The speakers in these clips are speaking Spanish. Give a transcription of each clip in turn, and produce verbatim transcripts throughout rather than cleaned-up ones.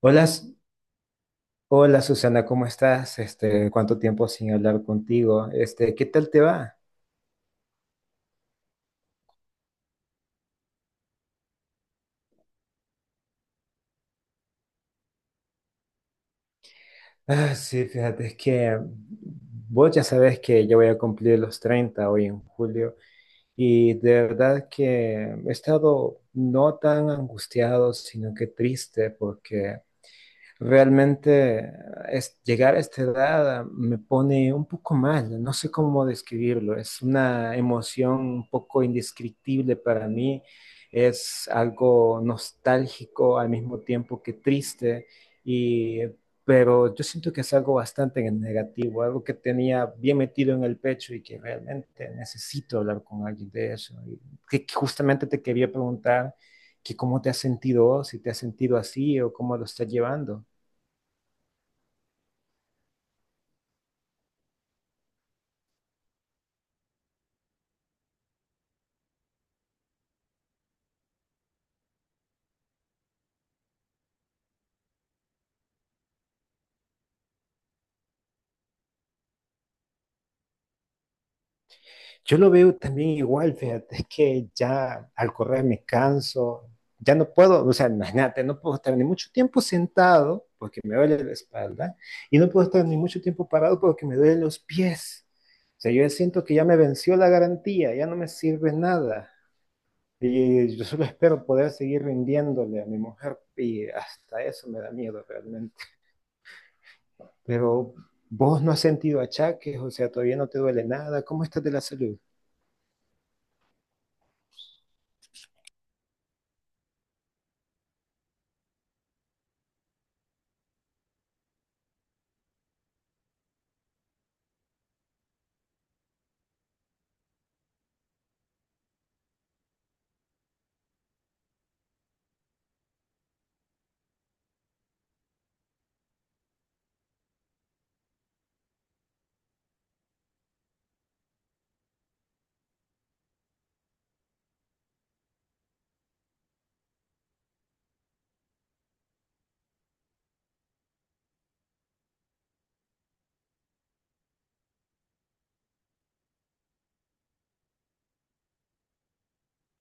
Hola, Su- hola Susana, ¿cómo estás? Este, ¿cuánto tiempo sin hablar contigo? Este, ¿qué tal te va? Ah, sí, fíjate, es que mm, vos ya sabes que yo voy a cumplir los treinta hoy en julio y de verdad que he estado no tan angustiado, sino que triste porque realmente es, llegar a esta edad ah, me pone un poco mal, no sé cómo describirlo, es una emoción un poco indescriptible para mí, es algo nostálgico al mismo tiempo que triste, y, pero yo siento que es algo bastante negativo, algo que tenía bien metido en el pecho y que realmente necesito hablar con alguien de eso. Y que que justamente te quería preguntar que cómo te has sentido, si te has sentido así o cómo lo estás llevando. Yo lo veo también igual, fíjate, es que ya al correr me canso, ya no puedo, o sea, imagínate, no puedo estar ni mucho tiempo sentado porque me duele la espalda y no puedo estar ni mucho tiempo parado porque me duelen los pies. O sea, yo ya siento que ya me venció la garantía, ya no me sirve nada. Y yo solo espero poder seguir rindiéndole a mi mujer y hasta eso me da miedo realmente. Pero vos no has sentido achaques, o sea, todavía no te duele nada. ¿Cómo estás de la salud?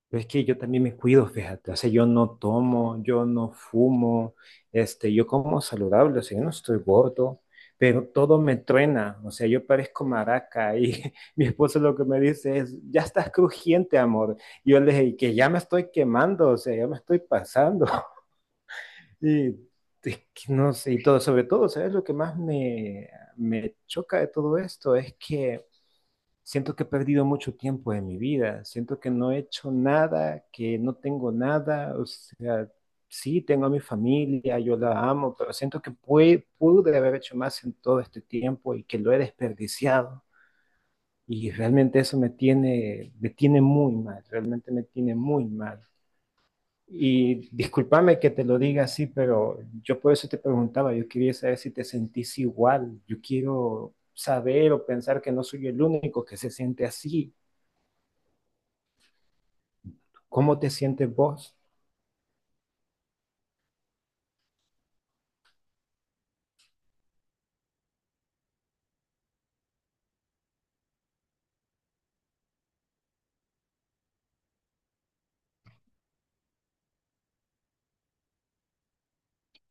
Pero es que yo también me cuido, fíjate, o sea, yo no tomo, yo no fumo, este, yo como saludable, o sea, yo no estoy gordo, pero todo me truena, o sea, yo parezco maraca y mi esposo lo que me dice es, ya estás crujiente, amor. Y yo le dije, "Y que ya me estoy quemando, o sea, ya me estoy pasando." Y es que no sé, y todo, sobre todo, ¿sabes? Lo que más me, me choca de todo esto es que siento que he perdido mucho tiempo de mi vida, siento que no he hecho nada, que no tengo nada, o sea, sí, tengo a mi familia, yo la amo, pero siento que pue- pude haber hecho más en todo este tiempo y que lo he desperdiciado. Y realmente eso me tiene, me tiene muy mal, realmente me tiene muy mal. Y discúlpame que te lo diga así, pero yo por eso te preguntaba, yo quería saber si te sentís igual, yo quiero saber o pensar que no soy el único que se siente así. ¿Cómo te sientes vos?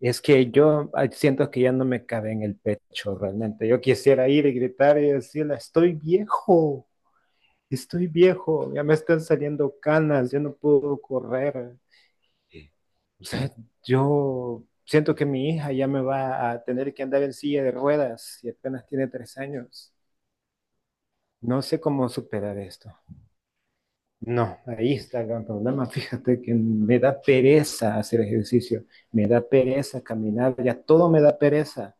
Es que yo ay, siento que ya no me cabe en el pecho realmente. Yo quisiera ir y gritar y decirle, estoy viejo, estoy viejo, ya me están saliendo canas, ya no puedo correr. O sea, yo siento que mi hija ya me va a tener que andar en silla de ruedas y apenas tiene tres años. No sé cómo superar esto. No, ahí está el gran problema. Fíjate que me da pereza hacer ejercicio, me da pereza caminar, ya todo me da pereza.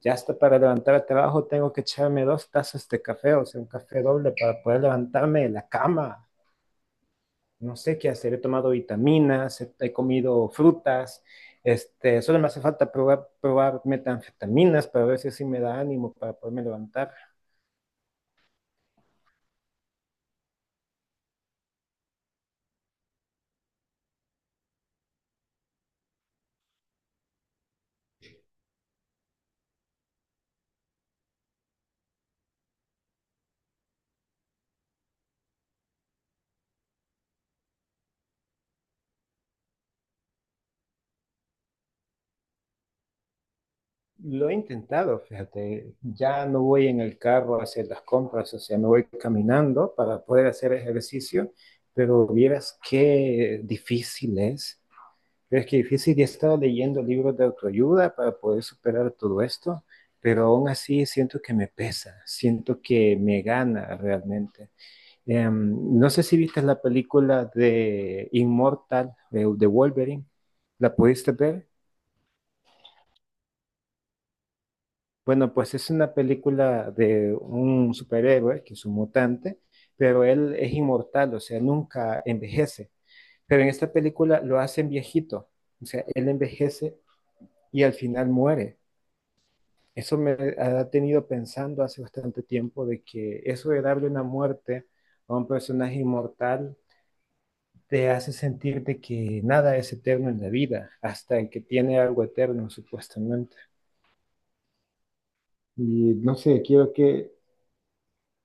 Ya hasta para levantar el trabajo tengo que echarme dos tazas de café, o sea, un café doble para poder levantarme de la cama. No sé qué hacer, he tomado vitaminas, he, he comido frutas, este, solo me hace falta probar, probar metanfetaminas para ver si así me da ánimo para poderme levantar. Lo he intentado, fíjate, ya no voy en el carro a hacer las compras, o sea, me voy caminando para poder hacer ejercicio, pero vieras qué difícil es. Pero es que difícil, he estado leyendo libros de autoayuda para poder superar todo esto, pero aún así siento que me pesa, siento que me gana realmente. Em, no sé si viste la película de Inmortal, de, de Wolverine, ¿la pudiste ver? Bueno, pues es una película de un superhéroe que es un mutante, pero él es inmortal, o sea, nunca envejece. Pero en esta película lo hacen viejito, o sea, él envejece y al final muere. Eso me ha tenido pensando hace bastante tiempo de que eso de darle una muerte a un personaje inmortal te hace sentir de que nada es eterno en la vida, hasta el que tiene algo eterno, supuestamente. Y no sé, quiero que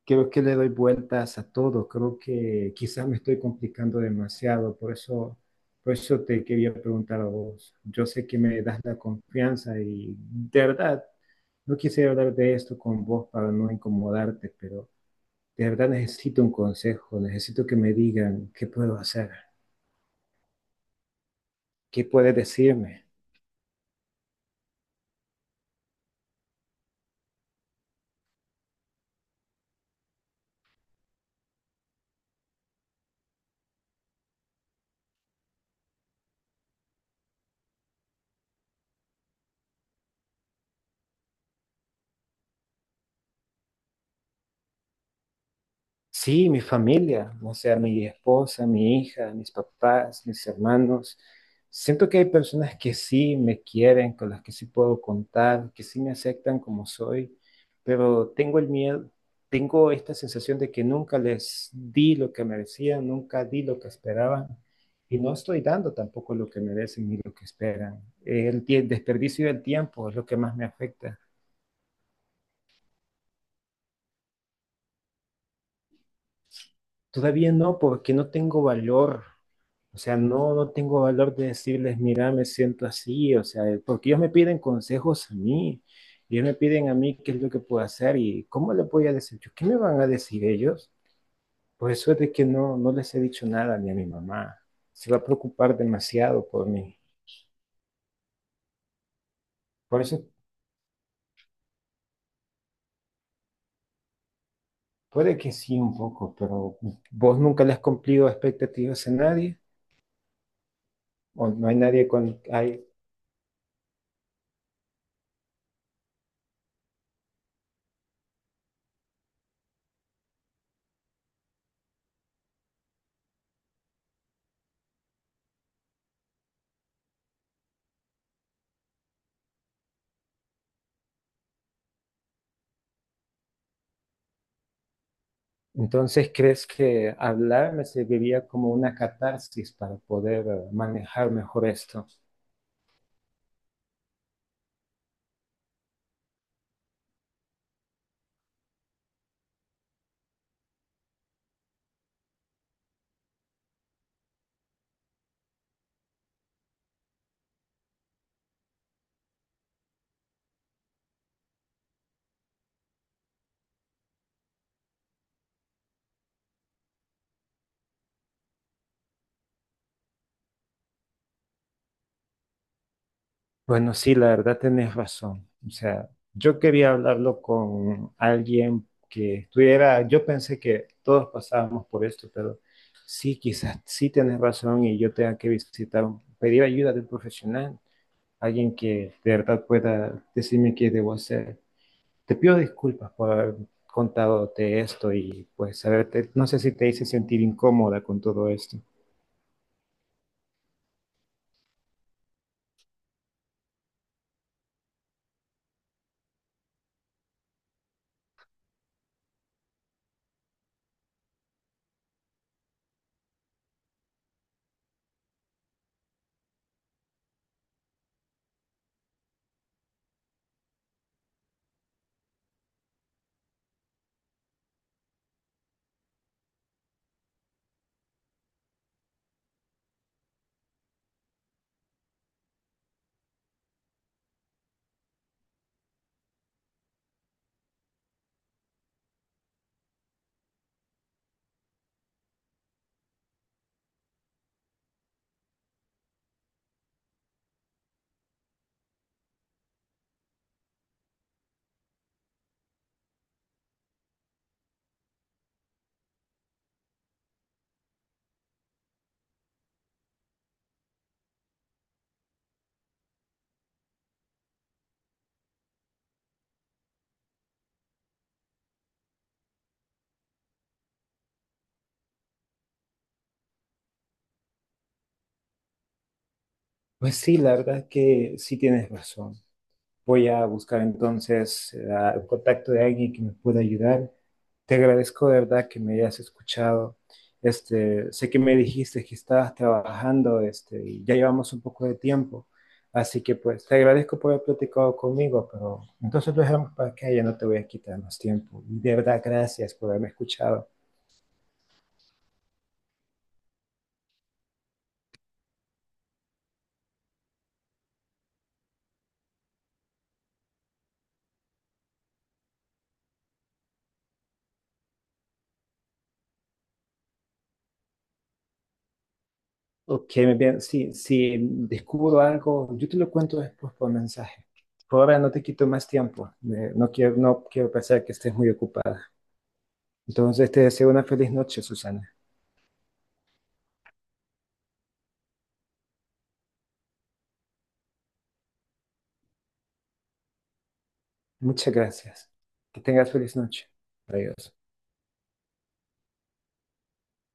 creo que le doy vueltas a todo, creo que quizás me estoy complicando demasiado, por eso, por eso te quería preguntar a vos. Yo sé que me das la confianza y de verdad, no quise hablar de esto con vos para no incomodarte, pero de verdad necesito un consejo, necesito que me digan qué puedo hacer, qué puedes decirme. Sí, mi familia, o sea, mi esposa, mi hija, mis papás, mis hermanos. Siento que hay personas que sí me quieren, con las que sí puedo contar, que sí me aceptan como soy, pero tengo el miedo, tengo esta sensación de que nunca les di lo que merecían, nunca di lo que esperaban y no estoy dando tampoco lo que merecen ni lo que esperan. El tie- desperdicio del tiempo es lo que más me afecta. Todavía no, porque no tengo valor. O sea, no, no tengo valor de decirles, mira, me siento así, o sea, eh, porque ellos me piden consejos a mí, ellos me piden a mí qué es lo que puedo hacer y cómo le voy a decir yo, ¿qué me van a decir ellos? Por eso es de que no, no les he dicho nada ni a mi mamá, se va a preocupar demasiado por mí. Por eso puede que sí un poco, pero vos nunca le has cumplido expectativas a nadie, o no hay nadie con, hay- Entonces, ¿crees que hablar me serviría como una catarsis para poder eh, manejar mejor esto? Bueno, sí, la verdad tenés razón. O sea, yo quería hablarlo con alguien que estuviera, yo pensé que todos pasábamos por esto, pero sí, quizás sí tenés razón y yo tenga que visitar, pedir ayuda de un profesional, alguien que de verdad pueda decirme qué debo hacer. Te pido disculpas por haber contadote esto y pues haberte- no sé si te hice sentir incómoda con todo esto. Pues sí, la verdad es que sí tienes razón. Voy a buscar entonces eh, el contacto de alguien que me pueda ayudar. Te agradezco de verdad que me hayas escuchado. Este, sé que me dijiste que estabas trabajando, este, y ya llevamos un poco de tiempo. Así que pues te agradezco por haber platicado conmigo, pero entonces lo dejamos para que ya no te voy a quitar más tiempo. Y de verdad, gracias por haberme escuchado. Ok, me bien. Sí, si descubro algo, yo te lo cuento después por mensaje. Por ahora no te quito más tiempo. Eh, no quiero, no quiero pensar que estés muy ocupada. Entonces te deseo una feliz noche, Susana. Muchas gracias. Que tengas feliz noche. Adiós.